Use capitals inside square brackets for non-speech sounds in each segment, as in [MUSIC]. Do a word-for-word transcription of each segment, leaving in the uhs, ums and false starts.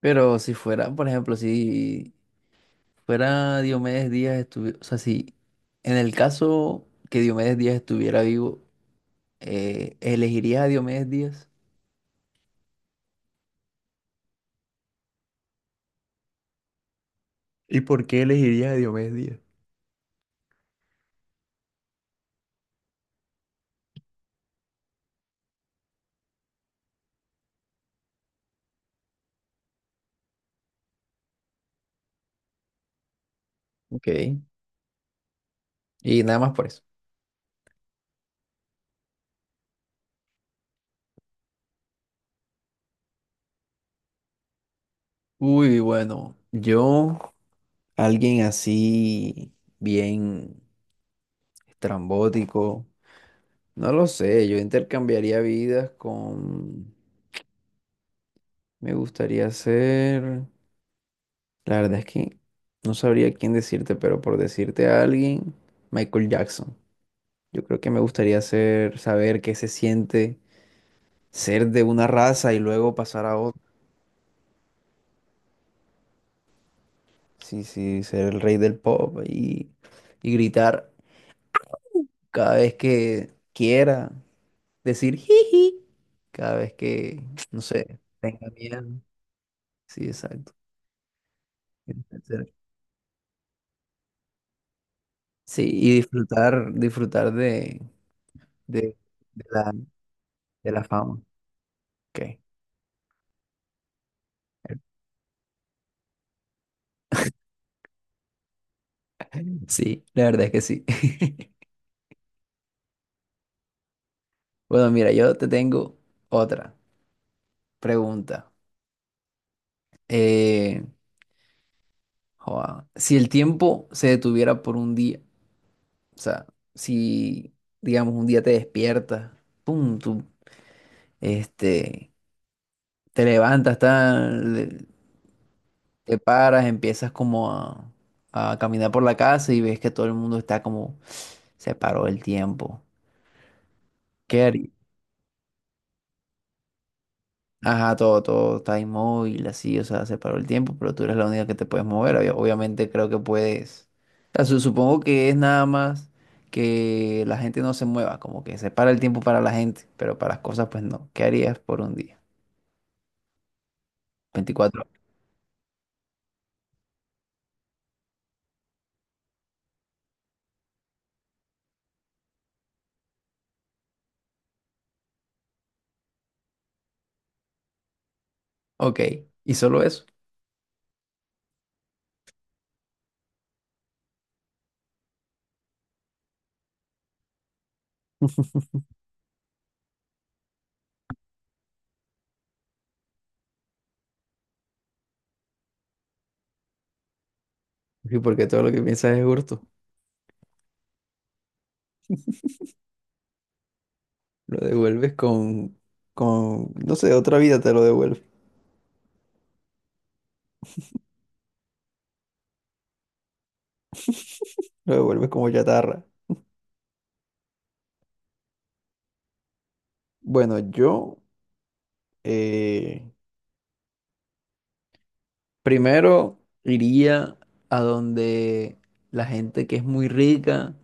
Pero si fuera, por ejemplo, si fuera Diomedes Díaz, estuvi- o sea, si en el caso que Diomedes Díaz estuviera vivo, eh, ¿elegirías a Diomedes Díaz? ¿Y por qué elegirías a Diomedes Díaz? Ok. Y nada más por eso. Uy, bueno, yo, alguien así, bien estrambótico, no lo sé, yo intercambiaría vidas con, me gustaría ser... La verdad es que no sabría quién decirte, pero por decirte a alguien, Michael Jackson. Yo creo que me gustaría ser, saber qué se siente ser de una raza y luego pasar a otra. Sí, sí, ser el rey del pop y, y gritar cada vez que quiera, decir jiji, cada vez que, no sé, tenga miedo. Sí, exacto. Ser- Sí, y disfrutar, disfrutar de, de, de la, de la fama. Ok. Sí, la verdad es que sí. [LAUGHS] Bueno, mira, yo te tengo otra pregunta. Eh, joa, si el tiempo se detuviera por un día, o sea, si, digamos, un día te despiertas, pum, tú, este, te levantas, tal, te paras, empiezas como a, a caminar por la casa y ves que todo el mundo está como, se paró el tiempo. ¿Qué harías? Ajá, todo, todo está inmóvil, así, o sea, se paró el tiempo, pero tú eres la única que te puedes mover. obvia- Obviamente creo que puedes. O sea, su- supongo que es nada más que la gente no se mueva, como que se para el tiempo para la gente, pero para las cosas, pues no. ¿Qué harías por un día? Veinticuatro horas. Ok, y solo eso. Y porque todo lo que piensas es hurto. Lo devuelves con, con, no sé, otra vida te lo devuelve. Lo devuelves como chatarra. Bueno, yo, eh, primero iría a donde la gente que es muy rica,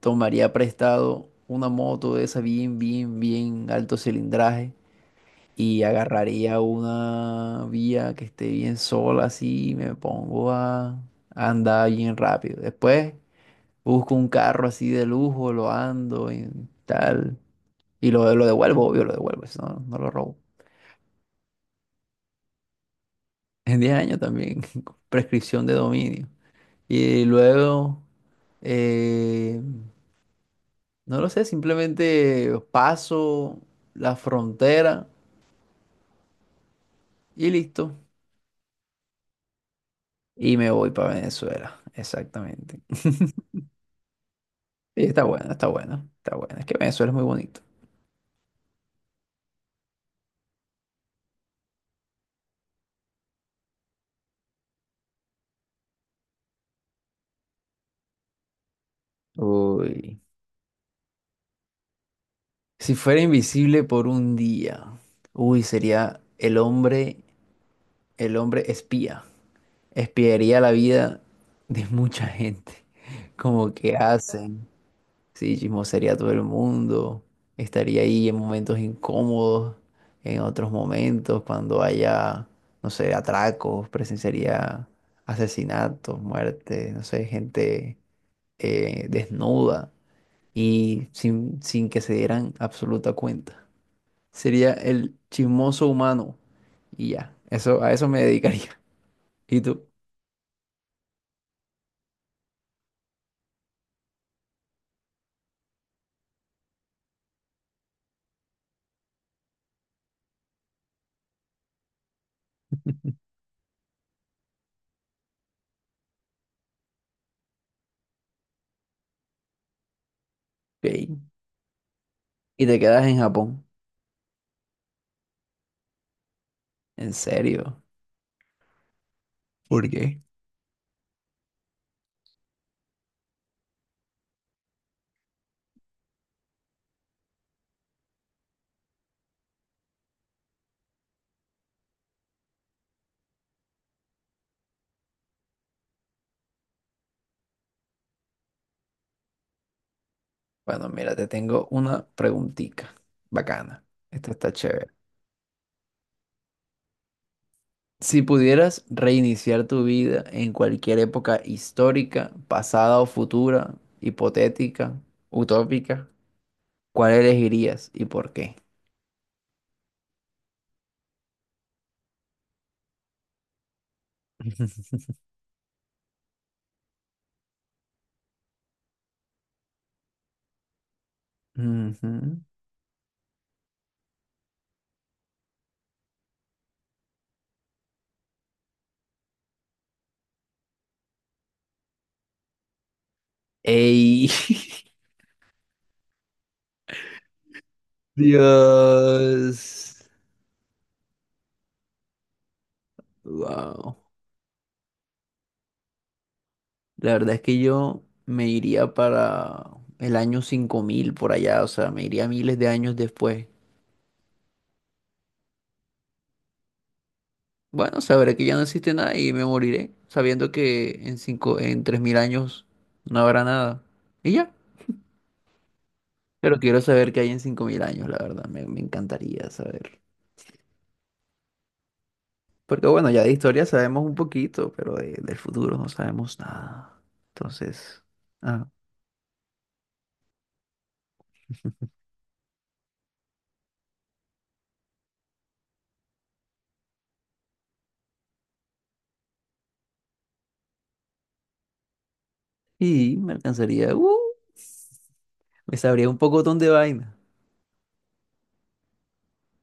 tomaría prestado una moto de esa bien, bien, bien alto cilindraje y agarraría una vía que esté bien sola así y me pongo a, a andar bien rápido. Después busco un carro así de lujo, lo ando y tal y lo, lo devuelvo, obvio, lo devuelvo, eso no, no lo robo. En diez años también, [LAUGHS] prescripción de dominio. Y luego, eh, no lo sé, simplemente paso la frontera y listo. Y me voy para Venezuela, exactamente. Y está bueno, está bueno, está bueno. Es que Venezuela es muy bonito. Uy. Si fuera invisible por un día, uy, sería el hombre, el hombre espía. Espiaría la vida de mucha gente. [LAUGHS] Como que hacen. Sí, chismosaría a todo el mundo. Estaría ahí en momentos incómodos, en otros momentos, cuando haya, no sé, atracos, presenciaría asesinatos, muertes, no sé, gente eh, desnuda y sin, sin que se dieran absoluta cuenta. Sería el chismoso humano y ya. Eso, a eso me dedicaría. [LAUGHS] ¿Y tú? Ok. Y te quedas en Japón. ¿En serio? ¿Por qué? Bueno, mira, te tengo una preguntita bacana. Esta está chévere. Si pudieras reiniciar tu vida en cualquier época histórica, pasada o futura, hipotética, utópica, ¿cuál elegirías y por qué? [LAUGHS] Ujú. ¡Ey! [LAUGHS] Dios. Wow. La verdad es que yo me iría para el año cinco mil por allá, o sea, me iría miles de años después. Bueno, sabré que ya no existe nada y me moriré, sabiendo que en cinco, en tres mil años no habrá nada. Y ya. Pero quiero saber qué hay en cinco mil años, la verdad. Me, me encantaría saber. Porque bueno, ya de historia sabemos un poquito, pero de- del futuro no sabemos nada. Entonces, ah, y me alcanzaría, uh, me sabría un poco de vaina.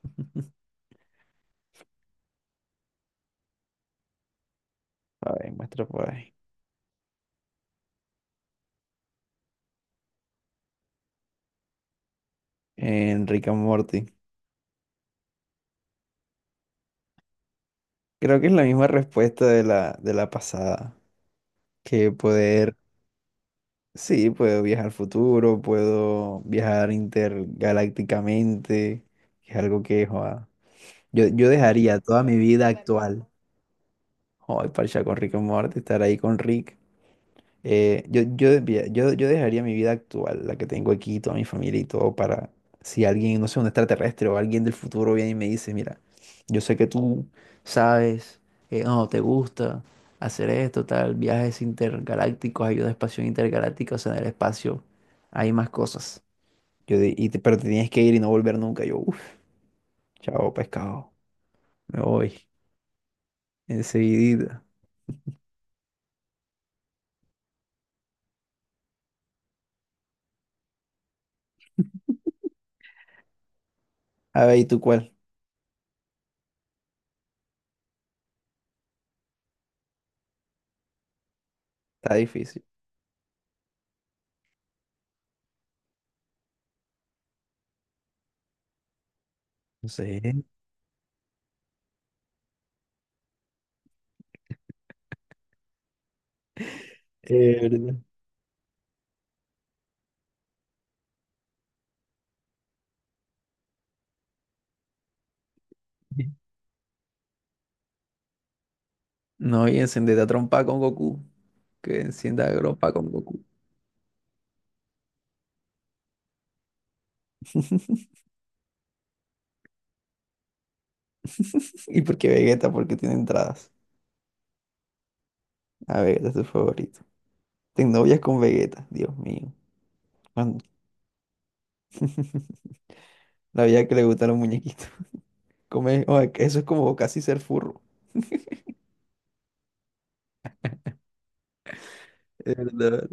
[LAUGHS] A ver, muestra por ahí. En Rick and Morty. Creo que es la misma respuesta de la, de la pasada. Que poder sí, puedo viajar al futuro, puedo viajar intergalácticamente, que es algo que joa, yo, yo dejaría toda mi vida actual. Joder, parchar con Rick y Morty, estar ahí con Rick. Eh, yo, yo, mira, yo, yo dejaría mi vida actual, la que tengo aquí, toda mi familia y todo, para si alguien, no sé, un extraterrestre o alguien del futuro viene y me dice, mira, yo sé que tú sabes, eh, no, te gusta hacer esto, tal, viajes intergalácticos, ayuda a espacio intergaláctica, o sea, en el espacio hay más cosas. Yo di- y te- Pero te tienes que ir y no volver nunca. Yo, uff, chao, pescado, me voy enseguidita. A ver, ¿y tú cuál? Está difícil. No sé. Es verdad. No, y encendete a trompa con Goku. Que encienda a trompa con Goku. ¿Y por qué Vegeta? Porque tiene entradas. A Vegeta es su favorito. Ten novias con Vegeta, Dios mío. Cuan- [LAUGHS] La vida que le gusta a los muñequitos. Come- o sea, que eso es como casi ser furro. Es verdad.